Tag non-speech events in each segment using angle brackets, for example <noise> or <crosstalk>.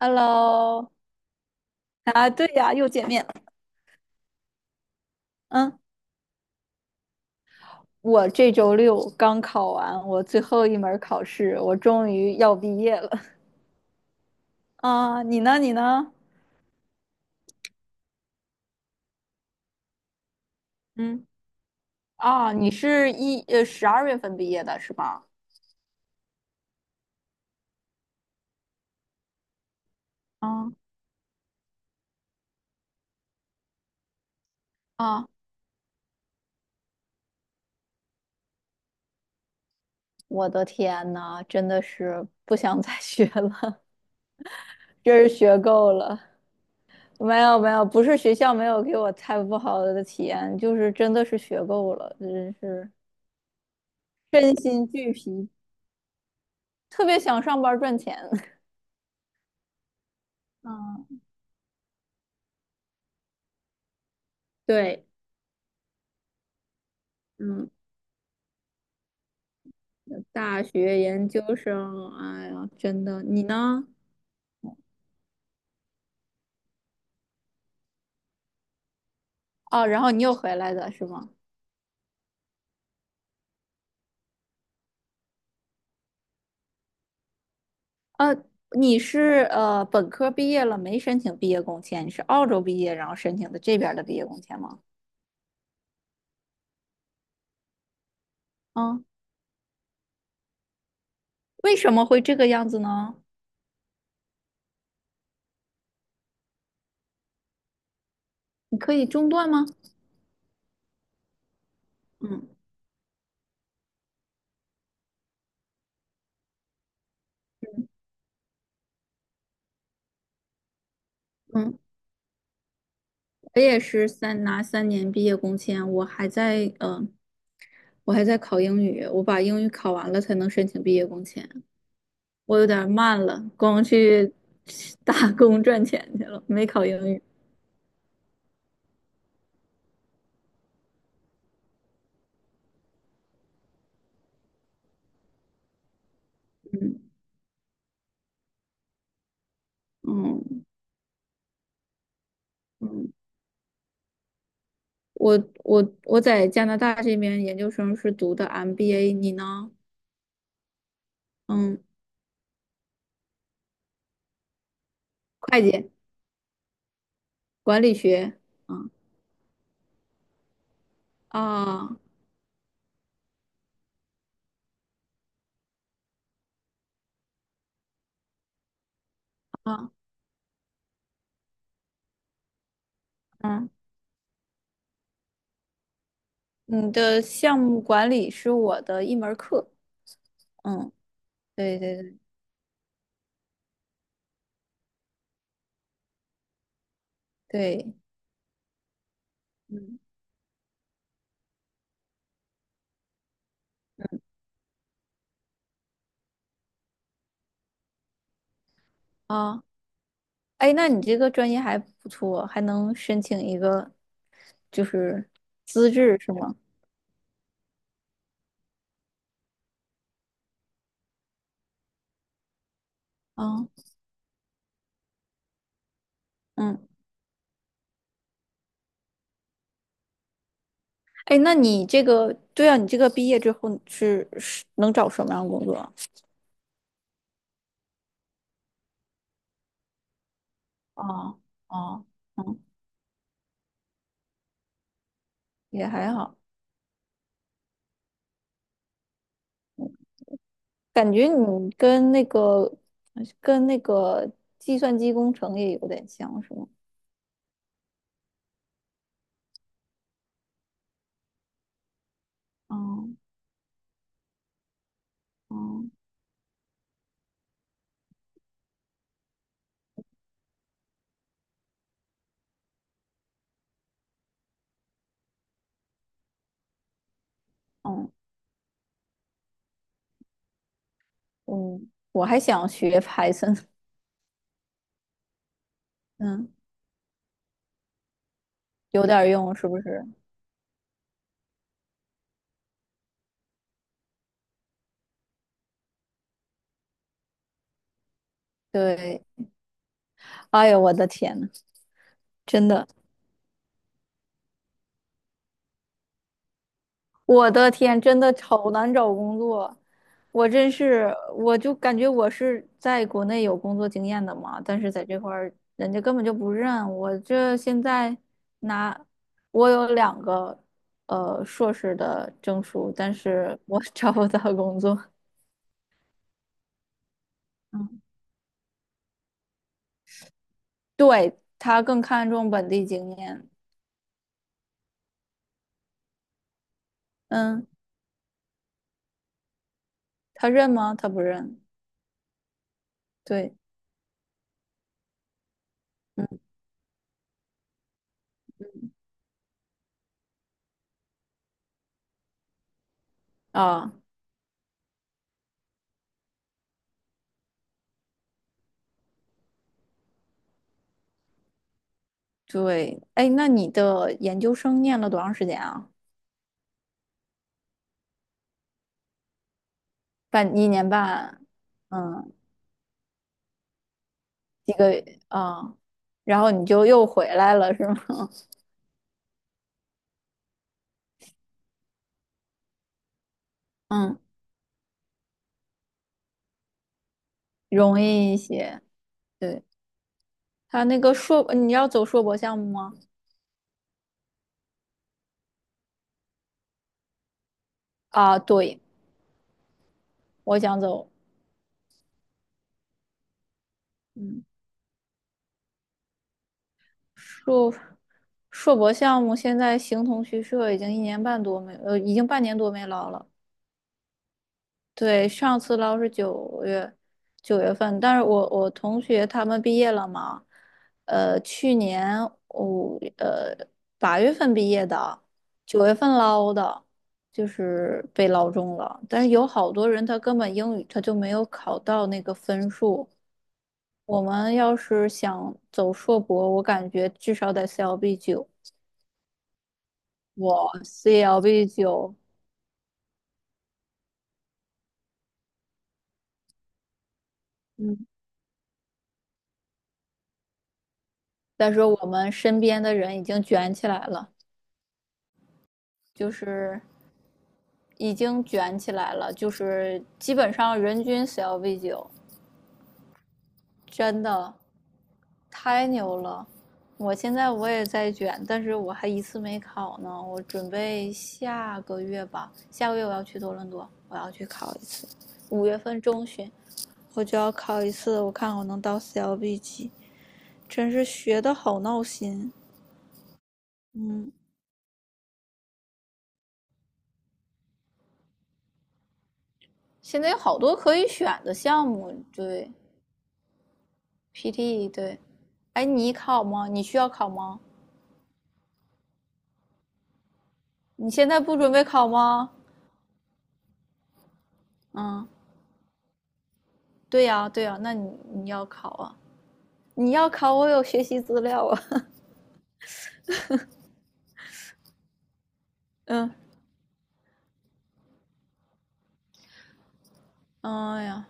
Hello，啊，对呀，又见面了。嗯，我这周六刚考完我最后一门儿考试，我终于要毕业了。<laughs> 啊，你呢？你呢？嗯，啊，你是十二月份毕业的是吧？啊啊，我的天呐，真的是不想再学了，<laughs> 真是学够了。没有没有，不是学校没有给我太不好的体验，就是真的是学够了，真是身心俱疲，特别想上班儿赚钱。<laughs> 嗯对，嗯，大学研究生，哎呀，真的，你呢？哦，然后你又回来的是吗？呃，你是本科毕业了，没申请毕业工签，你是澳洲毕业，然后申请的这边儿的毕业工签吗？嗯，为什么会这个样子呢？你可以中断吗？嗯嗯，我也是拿三年毕业工签，我还在考英语，我把英语考完了才能申请毕业工签。我有点儿慢了，光去 <laughs> 打工赚钱去了，没考英语。嗯嗯嗯，我在加拿大这边研究生是读的 MBA,你呢？嗯，会计、管理学。嗯啊啊嗯，你的项目管理是我的一门儿课。嗯，对对对对，嗯啊，哎，那你这个专业还不错，还能申请一个就是资质是吗？啊嗯，哎，那你这个，对啊，你这个毕业之后是是能找什么样的工作啊？哦哦，嗯，也还好，感觉你跟那个计算机工程也有点像，是吗？嗯嗯嗯嗯，我还想学 <laughs> Python,嗯，有点儿用是不是？对，哎呦，我的天呐，真的。我的天，真的好难找工作，我真是，我就感觉我是在国内有工作经验的嘛，但是在这块儿人家根本就不认我。这现在拿我有两个硕士的证书，但是我 <laughs> 找不到工作。嗯，对，他更看重本地经验，嗯，他认吗？他不认。对，嗯啊，对，哎，那你的研究生念了多长时间啊？一年半，嗯，几个月啊，然后你就又回来了，是吗？<laughs> 嗯，容易一些。对，他那个硕，你要走硕博项目吗？啊，对，我想走，嗯，硕硕博项目现在形同虚设，已经半年多没捞了。对，上次捞是九月份，但是我我同学他们毕业了嘛，呃，去年五呃八月份毕业的，九月份捞的，就是被捞中了。但是有好多人他根本英语他就没有考到那个分数。我们要是想走硕博，我感觉至少得 CLB 九，我 CLB 九，嗯，再说我们身边的人已经卷起来了。就是已经卷起来了，就是基本上人均 CLV 九，真的太牛了。我现在我也在卷，但是我还一次没考呢。我准备下个月吧，下个月我要去多伦多，我要去考一次。五月份中旬我就要考一次，我看我能到 CLB 几，真是学的好闹心。嗯，现在有好多可以选的项目，PT 对。哎，你考吗？你需要考吗？你现在不准备考吗？嗯，对呀，对呀，那你要考啊？你要考，我有学习资料啊。<laughs> 嗯，哎呀，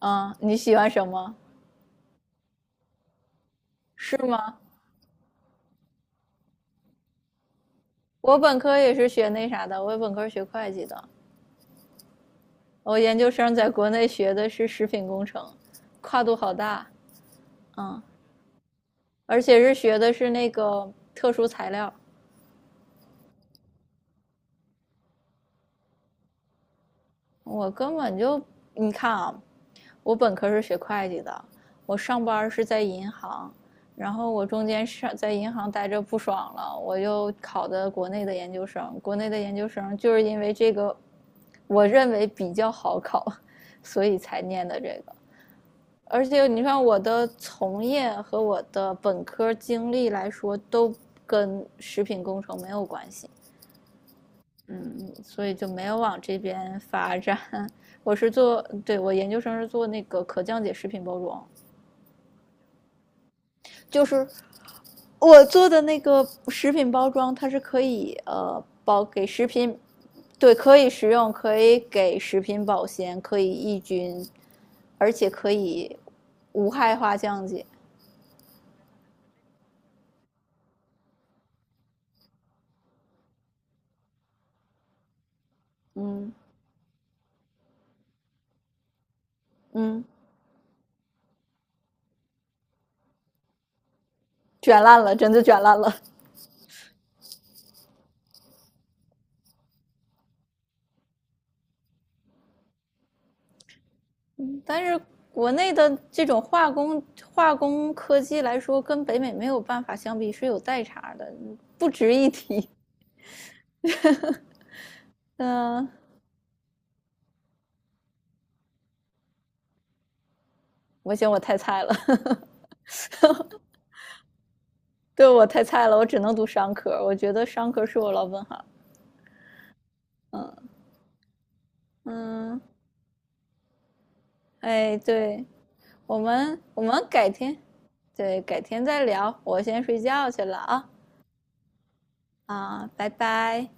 嗯，你喜欢什么？是吗？我本科也是学那啥的，我本科学会计的，我研究生在国内学的是食品工程，跨度好大，嗯，而且是学的是那个特殊材料，我根本就，你看啊，我本科是学会计的，我上班是在银行，然后我中间在银行待着不爽了，我就考的国内的研究生。国内的研究生就是因为这个，我认为比较好考，<laughs> 所以才念的这个。而且你看我的从业和我的本科经历来说，都跟食品工程没有关系。嗯，所以就没有往这边发展。<laughs> 我是做，对，我研究生是做那个可降解食品包装，就是我做的那个食品包装，它是可以包给食品，对，可以食用，可以给食品保鲜，可以抑菌，而且可以无害化降解。嗯嗯，卷烂了，真的卷烂了。但是国内的这种化工科技来说，跟北美没有办法相比，是有代差的，不值一提。嗯、呃我嫌我太菜了，<laughs> 对我太菜了，我只能读商科，我觉得商科是我老本行。嗯，哎，对我们改天，对，改天再聊，我先睡觉去了啊啊，拜拜。